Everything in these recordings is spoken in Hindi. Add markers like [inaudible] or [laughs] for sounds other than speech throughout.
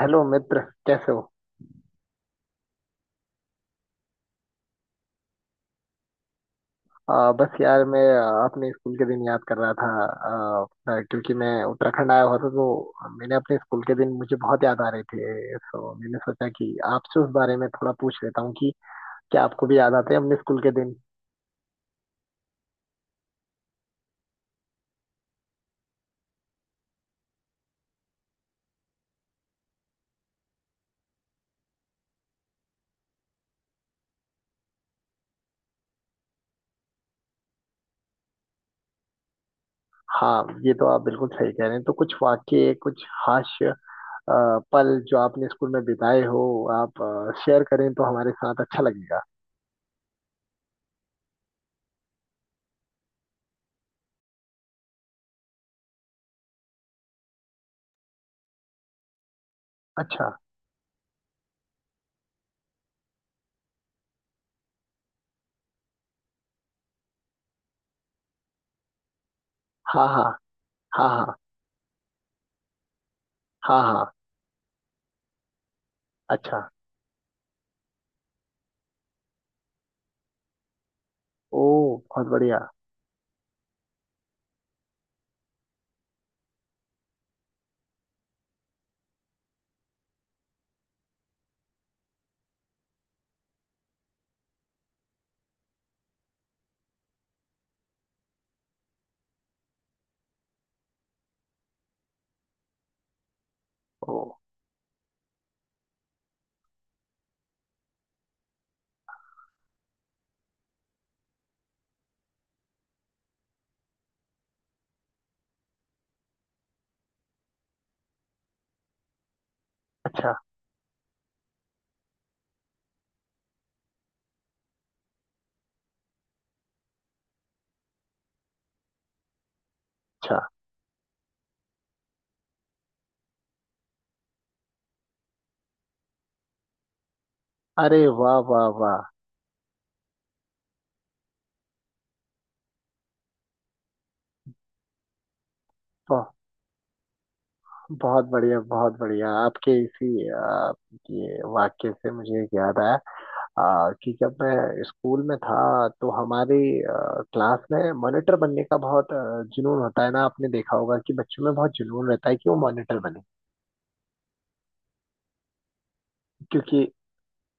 हेलो मित्र। कैसे हो? बस यार मैं अपने स्कूल के दिन याद कर रहा था। क्योंकि मैं उत्तराखंड आया हुआ था, तो मैंने अपने स्कूल के दिन मुझे बहुत याद आ रहे थे, तो मैंने सोचा कि आपसे उस बारे में थोड़ा पूछ लेता हूँ कि क्या आपको भी याद आते हैं अपने स्कूल के दिन। हाँ, ये तो आप बिल्कुल सही कह रहे हैं। तो कुछ वाक्य, कुछ हास्य पल जो आपने स्कूल में बिताए हो, आप शेयर करें तो हमारे साथ अच्छा लगेगा। अच्छा। हाँ, हाँ, हाँ, हाँ, हाँ, हाँ। अच्छा। ओ, बहुत बढ़िया। ओ। अच्छा, अच्छा। अरे वाह, वाह, वाह। ब- बहुत बढ़िया, बहुत बढ़िया। आपके इसी ये वाक्य से मुझे एक याद आया। कि जब मैं स्कूल में था तो हमारी आ, क्लास में मॉनिटर बनने का बहुत जुनून होता है ना। आपने देखा होगा कि बच्चों में बहुत जुनून रहता है कि वो मॉनिटर बने, क्योंकि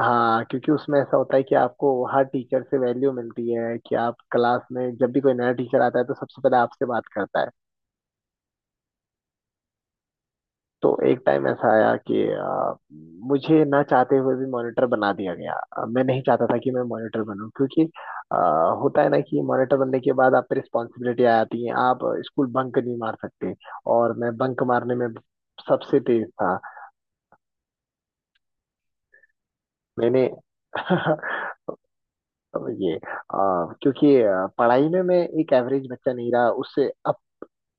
हाँ, क्योंकि उसमें ऐसा होता है कि आपको हर टीचर से वैल्यू मिलती है, कि आप क्लास में जब भी कोई नया टीचर आता है तो सबसे पहले आपसे बात करता है। तो एक टाइम ऐसा आया कि मुझे ना चाहते हुए भी मॉनिटर बना दिया गया। मैं नहीं चाहता था कि मैं मॉनिटर बनूं, क्योंकि अ, होता है ना कि मॉनिटर बनने के बाद आप पे रिस्पॉन्सिबिलिटी आ जाती है, आप स्कूल बंक नहीं मार सकते। और मैं बंक मारने में सबसे तेज था। मैंने [laughs] ये क्योंकि पढ़ाई में मैं एक एवरेज बच्चा नहीं रहा, उससे अब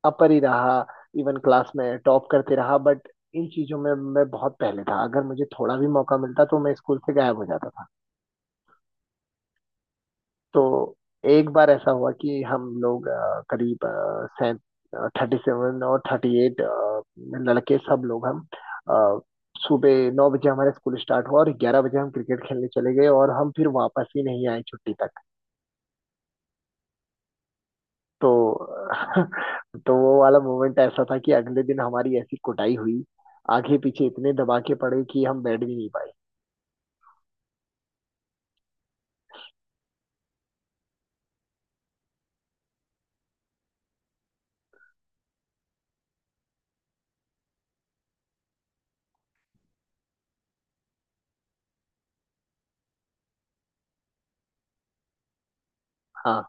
अपर ही रहा। इवन क्लास में टॉप करते रहा, बट इन चीजों में मैं बहुत पहले था। अगर मुझे थोड़ा भी मौका मिलता तो मैं स्कूल से गायब हो जाता था। तो एक बार ऐसा हुआ कि हम लोग करीब सैं 37 और 38 लड़के, सब लोग हम अ, सुबह 9 बजे हमारा स्कूल स्टार्ट हुआ और 11 बजे हम क्रिकेट खेलने चले गए, और हम फिर वापस ही नहीं आए छुट्टी तक। तो [laughs] तो वो वाला मोमेंट ऐसा था कि अगले दिन हमारी ऐसी कुटाई हुई, आगे पीछे इतने दबाके पड़े कि हम बैठ भी नहीं पाए। हाँ।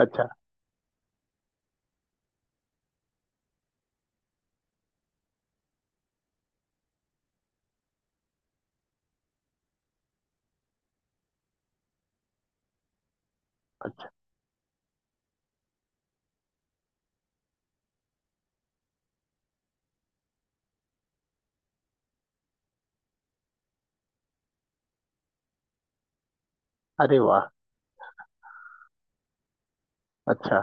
अच्छा। अच्छा। अरे वाह। अच्छा।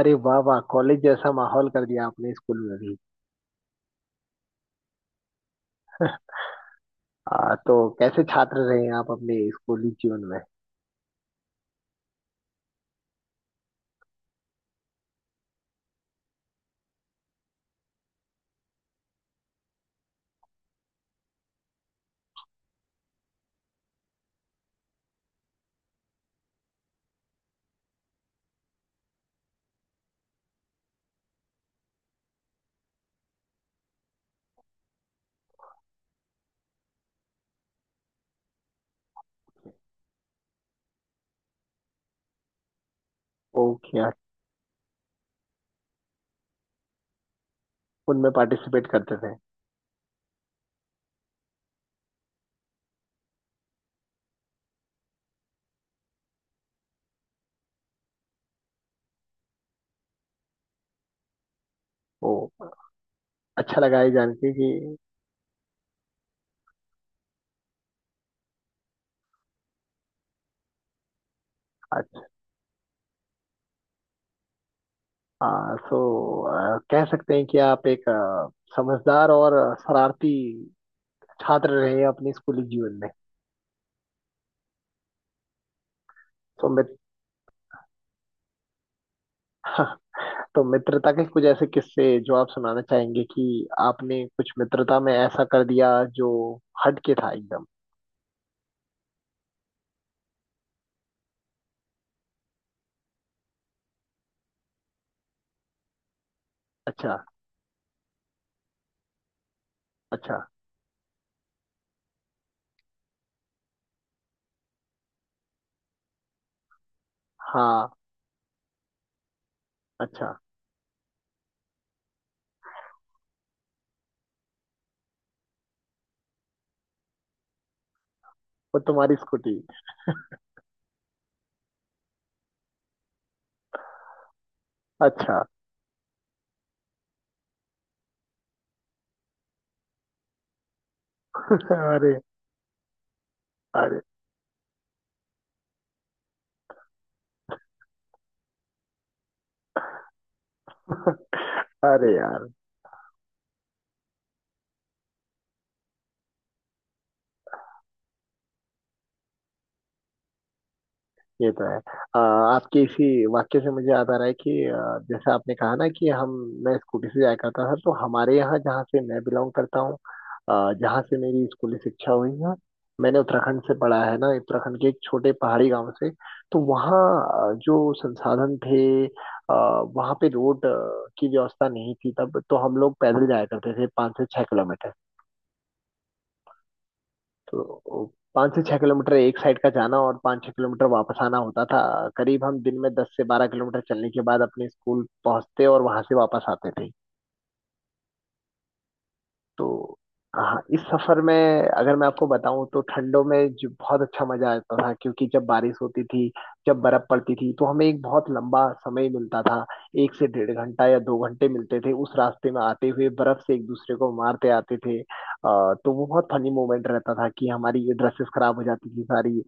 अरे वाह, वाह, कॉलेज जैसा माहौल कर दिया आपने स्कूल में भी। तो कैसे छात्र रहे हैं आप अपने स्कूली जीवन में? ओ, क्या? उनमें पार्टिसिपेट करते थे? ओ, अच्छा लगा ये जान के कि अच्छा, सो कह सकते हैं कि आप एक समझदार और शरारती छात्र रहे हैं अपने स्कूली जीवन में। तो मित [laughs] तो मित्रता के कुछ ऐसे किस्से जो आप सुनाना चाहेंगे कि आपने कुछ मित्रता में ऐसा कर दिया जो हट के था एकदम? अच्छा। अच्छा। हाँ। अच्छा। वो तुम्हारी स्कूटी। अच्छा। [laughs] अरे। अरे। [laughs] अरे यार। ये तो है। आपके इसी वाक्य से मुझे याद आ रहा है कि जैसे आपने कहा ना कि हम मैं स्कूटी से जाया करता था, तो हमारे यहाँ जहाँ से मैं बिलोंग करता हूँ, जहाँ से मेरी स्कूली शिक्षा हुई है, मैंने उत्तराखंड से पढ़ा है ना, उत्तराखंड के एक छोटे पहाड़ी गांव से। तो वहाँ जो संसाधन थे, वहाँ पे रोड की व्यवस्था नहीं थी तब, तो हम लोग पैदल जाया करते थे 5 से 6 किलोमीटर। तो 5 से 6 किलोमीटर एक साइड का जाना और 5 6 किलोमीटर वापस आना होता था। करीब हम दिन में 10 से 12 किलोमीटर चलने के बाद अपने स्कूल पहुंचते और वहां से वापस आते थे। तो हाँ, इस सफर में अगर मैं आपको बताऊं तो ठंडों में जो बहुत अच्छा मजा आता था, क्योंकि जब बारिश होती थी, जब बर्फ पड़ती थी, तो हमें एक बहुत लंबा समय मिलता था। एक से 1.5 घंटा या 2 घंटे मिलते थे उस रास्ते में आते हुए, बर्फ से एक दूसरे को मारते आते थे। तो वो बहुत फनी मोमेंट रहता था कि हमारी ये ड्रेसेस खराब हो जाती थी सारी,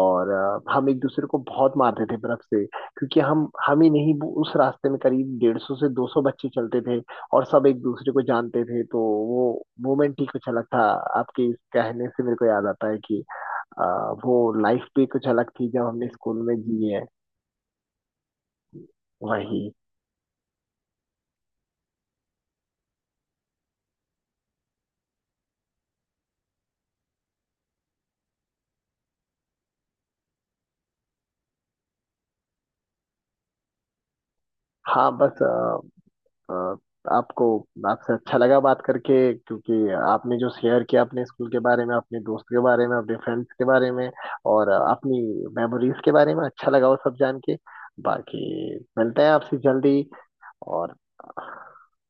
और हम एक दूसरे को बहुत मारते थे बर्फ से, क्योंकि हम ही नहीं, वो उस रास्ते में करीब 150 से 200 बच्चे चलते थे और सब एक दूसरे को जानते थे। तो वो मोमेंट ही कुछ अलग था। आपके इस कहने से मेरे को याद आता है कि आ, वो लाइफ भी कुछ अलग थी जब हमने स्कूल में जी है। वही। हाँ, बस अ, आपको, आपसे अच्छा लगा बात करके, क्योंकि आपने जो शेयर किया अपने स्कूल के बारे में, अपने दोस्त के बारे में, अपने फ्रेंड्स के बारे में, और अपनी मेमोरीज के बारे में, अच्छा लगा वो सब जान के। बाकी मिलते हैं आपसे जल्दी, और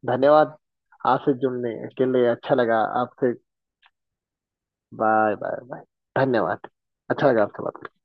धन्यवाद आपसे जुड़ने के लिए। अच्छा लगा आपसे। Bye, bye, bye. धन्यवाद। अच्छा लगा आपसे बात करके।